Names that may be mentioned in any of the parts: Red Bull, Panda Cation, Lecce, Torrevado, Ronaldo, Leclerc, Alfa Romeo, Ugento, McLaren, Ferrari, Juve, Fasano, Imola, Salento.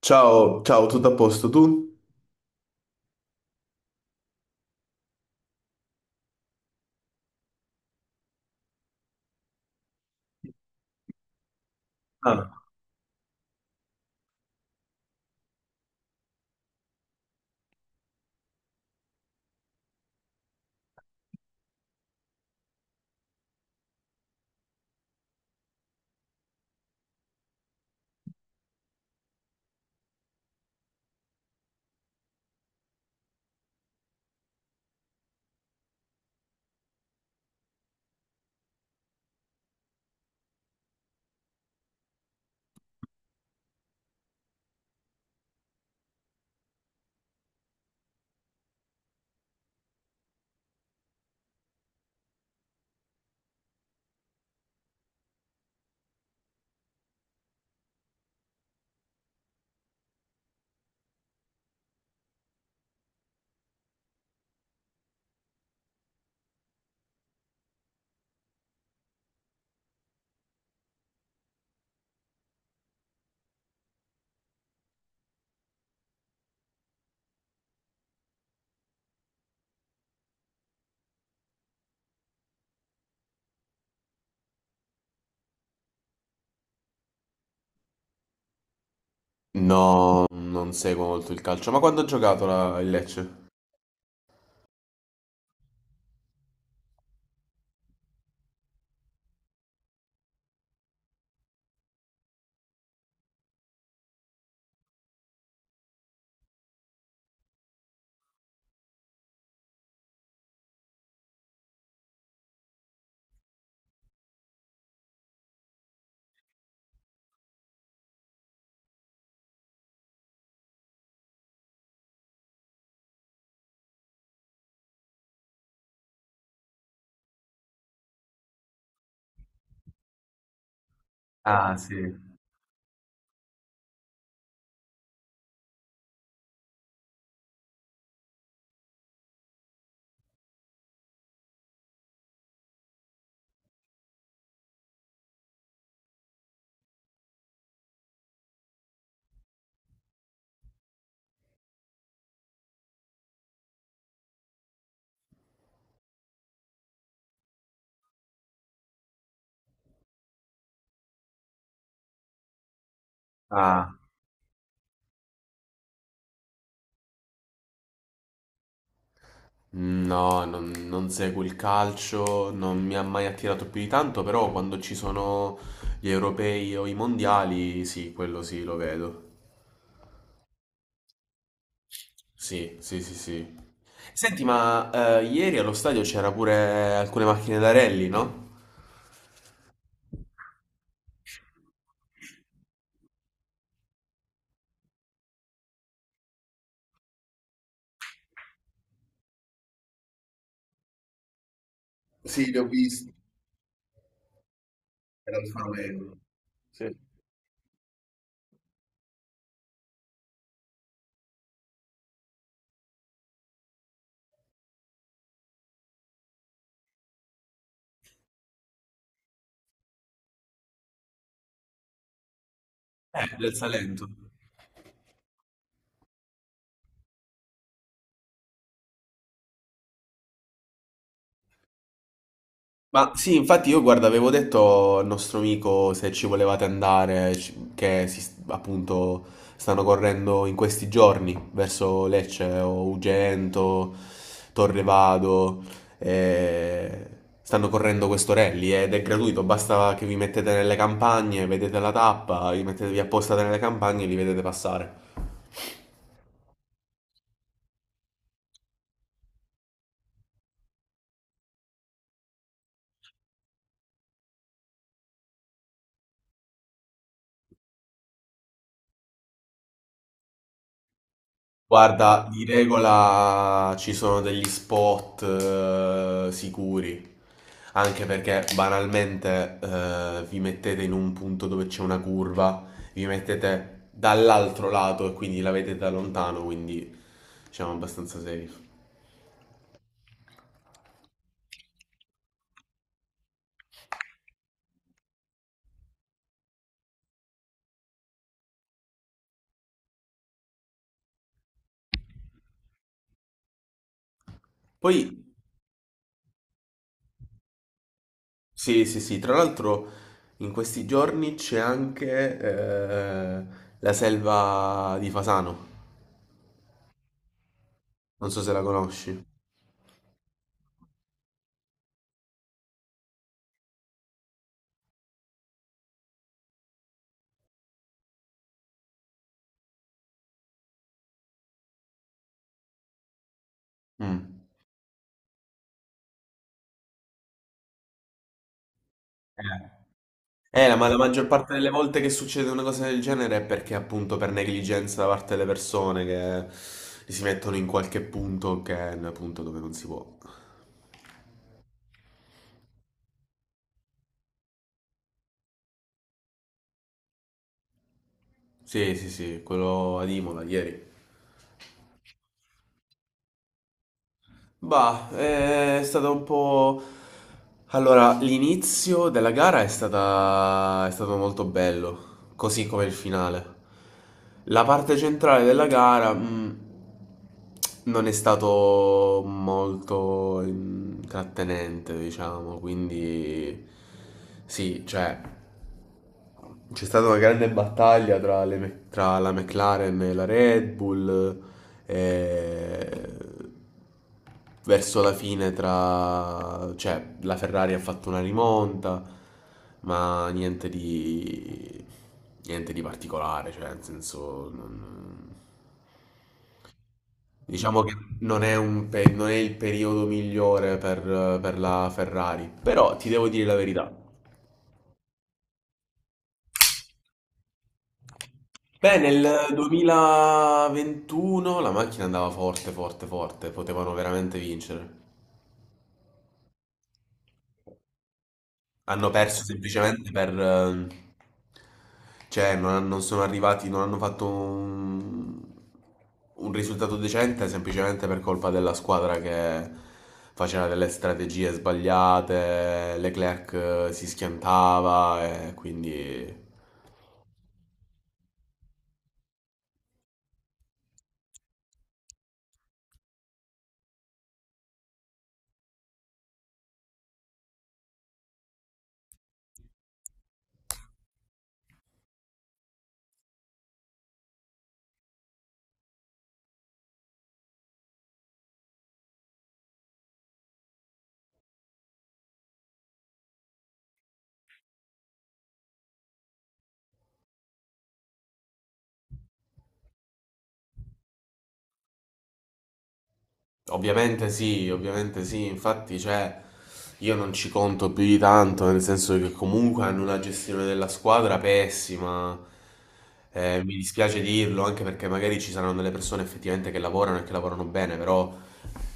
Ciao, ciao, tutto a posto tu? Ah, no, non seguo molto il calcio. Ma quando ha giocato il Lecce? Ah, sì. Ah, no, non seguo il calcio, non mi ha mai attirato più di tanto, però quando ci sono gli europei o i mondiali, sì, quello sì, lo vedo. Sì, sì, sì, sì. Senti, ma ieri allo stadio c'era pure alcune macchine da rally, no? Sì, li ho visti, era Alfa Romeo. Sì. Del Salento. Ma sì, infatti io guarda, avevo detto al nostro amico se ci volevate andare, appunto stanno correndo in questi giorni verso Lecce o Ugento, Torrevado, eh, stanno correndo quest'Orelli ed è gratuito, basta che vi mettete nelle campagne, vedete la tappa, vi mettetevi apposta nelle campagne e li vedete passare. Guarda, di regola ci sono degli spot sicuri, anche perché banalmente vi mettete in un punto dove c'è una curva, vi mettete dall'altro lato e quindi la vedete da lontano, quindi siamo abbastanza safe. Poi, sì, sì, sì, tra l'altro in questi giorni c'è anche la selva di Fasano, non so se la conosci. Mm. Ma la maggior parte delle volte che succede una cosa del genere è perché appunto per negligenza da parte delle persone che si mettono in qualche punto che è un punto dove non si può. Sì, sì, sì, quello ad Imola ieri. Bah, è stato un po'. Allora, l'inizio della gara è stata, è stato molto bello, così come il finale. La parte centrale della gara, mm, non è stato molto intrattenente, diciamo, quindi. Sì, cioè. C'è stata una grande battaglia tra, tra la McLaren e la Red Bull, eh, verso la fine tra, cioè, la Ferrari ha fatto una rimonta, ma niente di, niente di particolare, cioè, nel senso, non. Diciamo che non è il periodo migliore per la Ferrari, però ti devo dire la verità. Beh, nel 2021 la macchina andava forte, forte, forte, potevano veramente vincere. Hanno perso semplicemente per cioè, non sono arrivati, non hanno fatto un risultato decente semplicemente per colpa della squadra che faceva delle strategie sbagliate, Leclerc si schiantava e quindi. Ovviamente sì, infatti cioè, io non ci conto più di tanto, nel senso che comunque hanno una gestione della squadra pessima. Mi dispiace dirlo anche perché magari ci saranno delle persone effettivamente che lavorano e che lavorano bene, però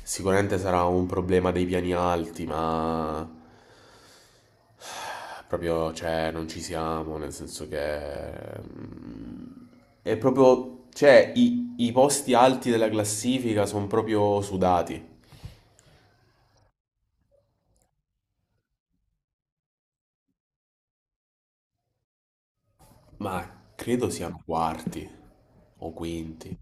sicuramente sarà un problema dei piani alti, ma proprio cioè, non ci siamo, nel senso che mm, è proprio, cioè i posti alti della classifica sono proprio sudati. Ma credo siano quarti o quinti.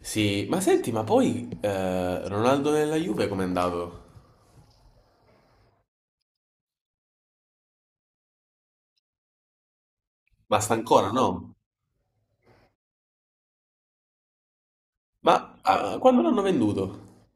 Sì, ma senti, ma poi Ronaldo nella Juve com'è andato? Ma sta ancora, no? Ma ah, quando l'hanno venduto?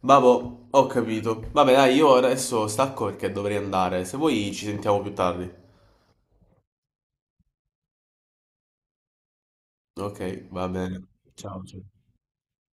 Vabbè, ho capito. Vabbè, dai, io adesso stacco perché dovrei andare. Se vuoi ci sentiamo più tardi. Ok, va bene. Ciao, ciao.